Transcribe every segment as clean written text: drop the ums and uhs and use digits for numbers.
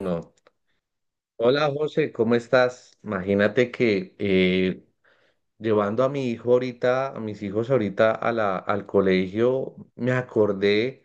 No. Hola José, ¿cómo estás? Imagínate que llevando a mi hijo ahorita, a mis hijos ahorita a al colegio, me acordé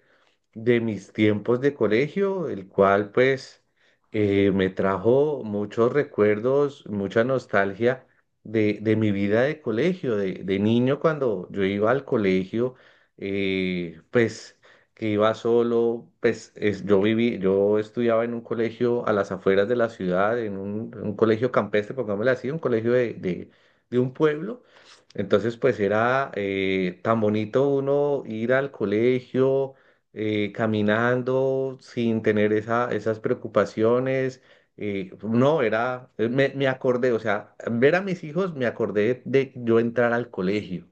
de mis tiempos de colegio, el cual pues me trajo muchos recuerdos, mucha nostalgia de mi vida de colegio, de niño cuando yo iba al colegio, pues que iba solo, pues yo viví, yo estudiaba en un colegio a las afueras de la ciudad, en un colegio campestre, pongámosle así, un colegio de un pueblo. Entonces, pues era tan bonito uno ir al colegio caminando sin tener esas preocupaciones. No, era, me acordé, o sea, ver a mis hijos me acordé de yo entrar al colegio.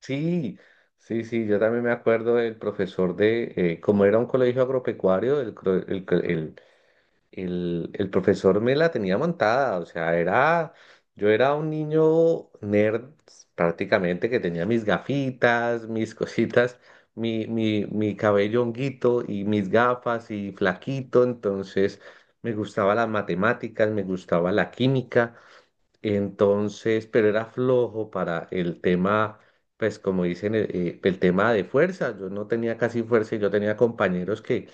Sí, sí, sí, yo también me acuerdo del profesor de, como era un colegio agropecuario, el profesor me la tenía montada, o sea, era, yo era un niño nerd prácticamente que tenía mis gafitas, mis cositas, mi cabello honguito y mis gafas y flaquito, entonces me gustaba las matemáticas, me gustaba la química, entonces, pero era flojo para el tema, pues como dicen, el tema de fuerza, yo no tenía casi fuerza y yo tenía compañeros que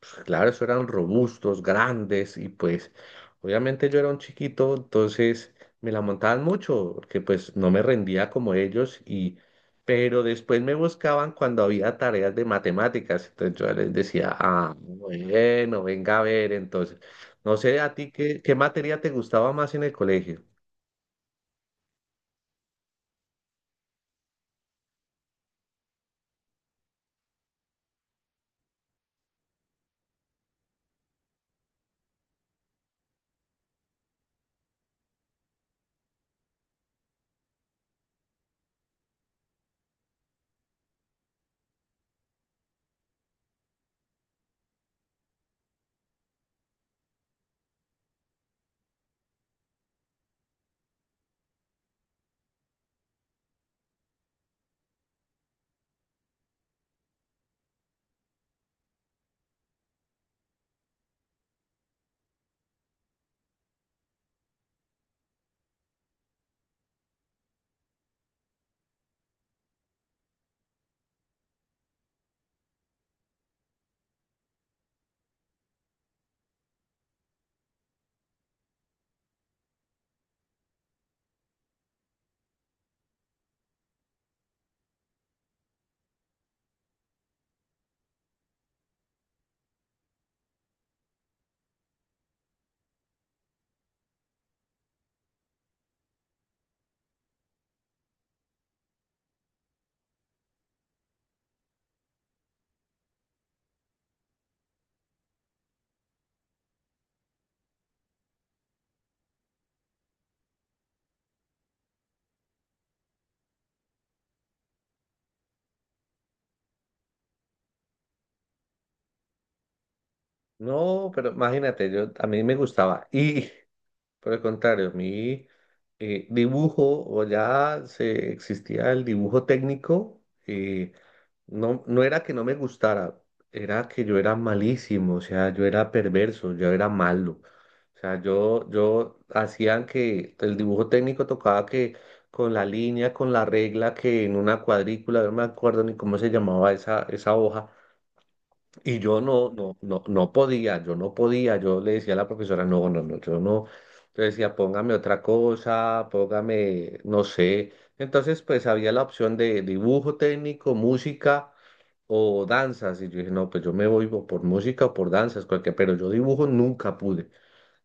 pues, claro, eso eran robustos, grandes y pues obviamente yo era un chiquito, entonces me la montaban mucho porque pues no me rendía como ellos y pero después me buscaban cuando había tareas de matemáticas, entonces yo les decía, ah, bueno, venga a ver, entonces, no sé a ti qué materia te gustaba más en el colegio. No, pero imagínate, yo a mí me gustaba y por el contrario, mi dibujo, o ya se, existía el dibujo técnico, eh, no, no era que no me gustara, era que yo era malísimo, o sea, yo era perverso, yo era malo. O sea, yo hacían que el dibujo técnico tocaba que con la línea, con la regla, que en una cuadrícula, no me acuerdo ni cómo se llamaba esa hoja y yo no podía, yo no podía, yo le decía a la profesora, no, no, no, yo no. Yo decía, póngame otra cosa, póngame, no sé. Entonces, pues había la opción de dibujo técnico, música o danzas. Y yo dije, no, pues yo me voy o por música o por danzas, cualquier, pero yo dibujo nunca pude.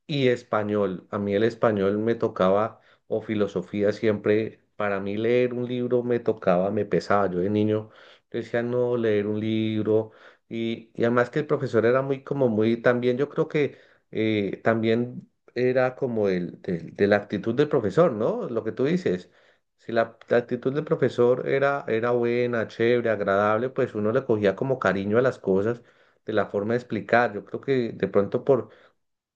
Y español, a mí el español me tocaba, o filosofía siempre, para mí leer un libro me tocaba, me pesaba. Yo de niño decía, no, leer un libro. Y además que el profesor era muy, como muy, también yo creo que también era como la actitud del profesor, ¿no? Lo que tú dices. Si la actitud del profesor era, era buena, chévere, agradable, pues uno le cogía como cariño a las cosas de la forma de explicar. Yo creo que de pronto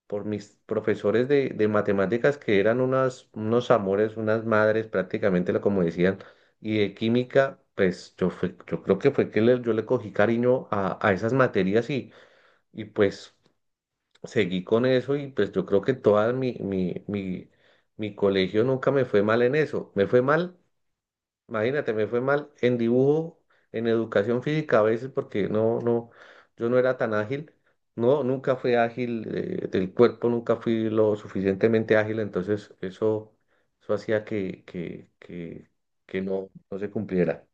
por mis profesores de matemáticas que eran unas, unos amores, unas madres prácticamente, lo como decían, y de química, pues yo, yo creo que fue que yo le cogí cariño a esas materias y pues seguí con eso y pues yo creo que toda mi colegio nunca me fue mal en eso, me fue mal. Imagínate, me fue mal en dibujo, en educación física a veces porque yo no era tan ágil. No, nunca fui ágil del cuerpo, nunca fui lo suficientemente ágil, entonces eso hacía que no, no se cumpliera.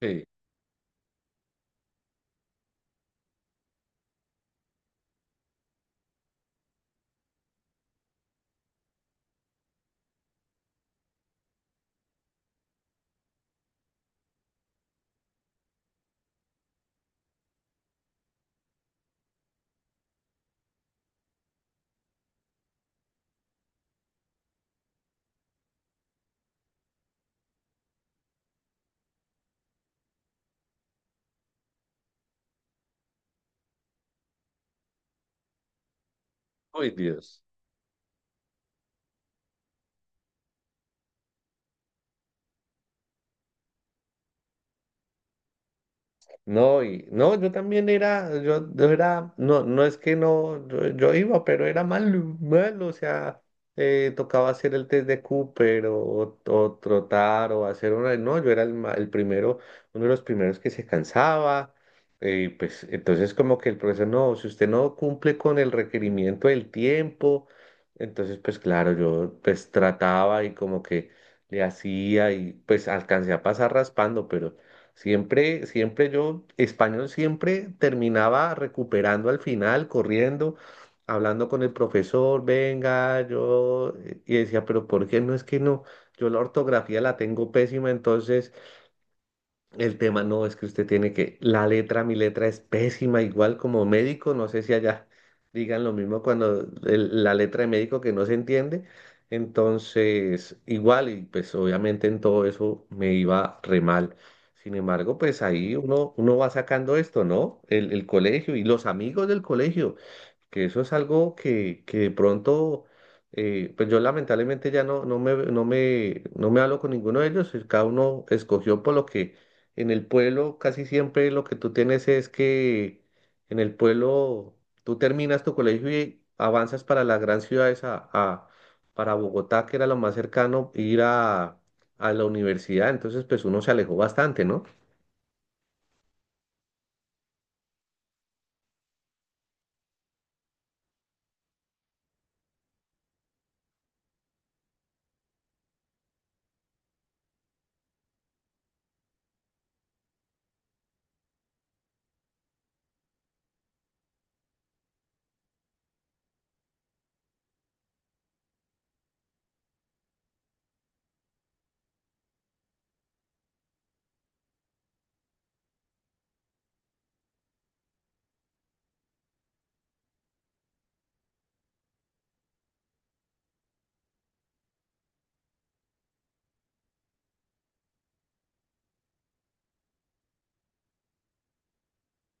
Sí. Uy, Dios. No, y no, yo también era, yo era, no, no es que no, yo iba, pero era malo, malo, o sea, tocaba hacer el test de Cooper o trotar o hacer una, no, yo era el primero, uno de los primeros que se cansaba, pues entonces como que el profesor, no, si usted no cumple con el requerimiento del tiempo, entonces pues claro, yo pues trataba y como que le hacía y pues alcancé a pasar raspando, pero... Siempre, siempre yo, español siempre terminaba recuperando al final, corriendo, hablando con el profesor, venga, yo, y decía, pero ¿por qué no es que no? Yo la ortografía la tengo pésima, entonces el tema no es que usted tiene que, la letra, mi letra es pésima, igual como médico, no sé si allá digan lo mismo cuando la letra de médico que no se entiende, entonces igual y pues obviamente en todo eso me iba re mal. Sin embargo, pues ahí uno va sacando esto, ¿no? El colegio y los amigos del colegio que eso es algo que de pronto, pues yo lamentablemente ya no, no me hablo con ninguno de ellos, y cada uno escogió por lo que en el pueblo casi siempre lo que tú tienes es que en el pueblo tú terminas tu colegio y avanzas para las grandes ciudades, para Bogotá, que era lo más cercano, ir a la universidad, entonces pues uno se alejó bastante, ¿no?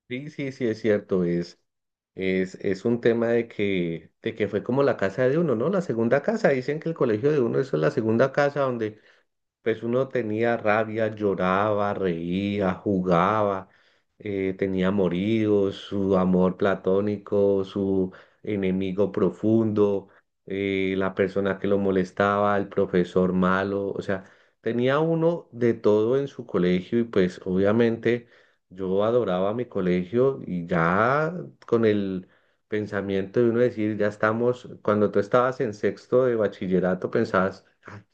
Sí, sí, sí, es cierto, es un tema de que fue como la casa de uno, ¿no? La segunda casa, dicen que el colegio de uno, eso es la segunda casa donde pues uno tenía rabia, lloraba, reía, jugaba, tenía amoríos, su amor platónico, su enemigo profundo, la persona que lo molestaba, el profesor malo, o sea, tenía uno de todo en su colegio y pues obviamente yo adoraba mi colegio y ya con el... pensamiento de uno decir, ya estamos, cuando tú estabas en sexto de bachillerato pensabas, "Ah,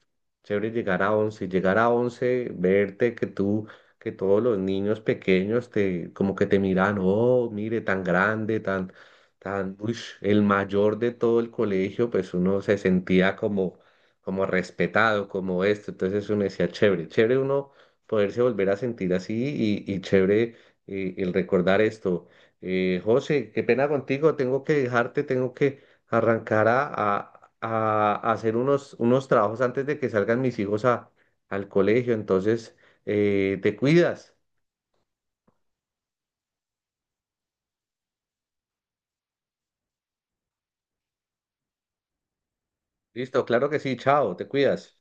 chévere llegar a once, verte que tú, que todos los niños pequeños te, como que te miran, oh, mire, tan grande, tan, tan, uish", el mayor de todo el colegio, pues uno se sentía como, como respetado, como esto, entonces uno decía, chévere, chévere uno poderse volver a sentir así y chévere el recordar esto. José, qué pena contigo, tengo que dejarte, tengo que arrancar a hacer unos, unos trabajos antes de que salgan mis hijos a, al colegio. Entonces, te cuidas. Listo, claro que sí, chao, te cuidas.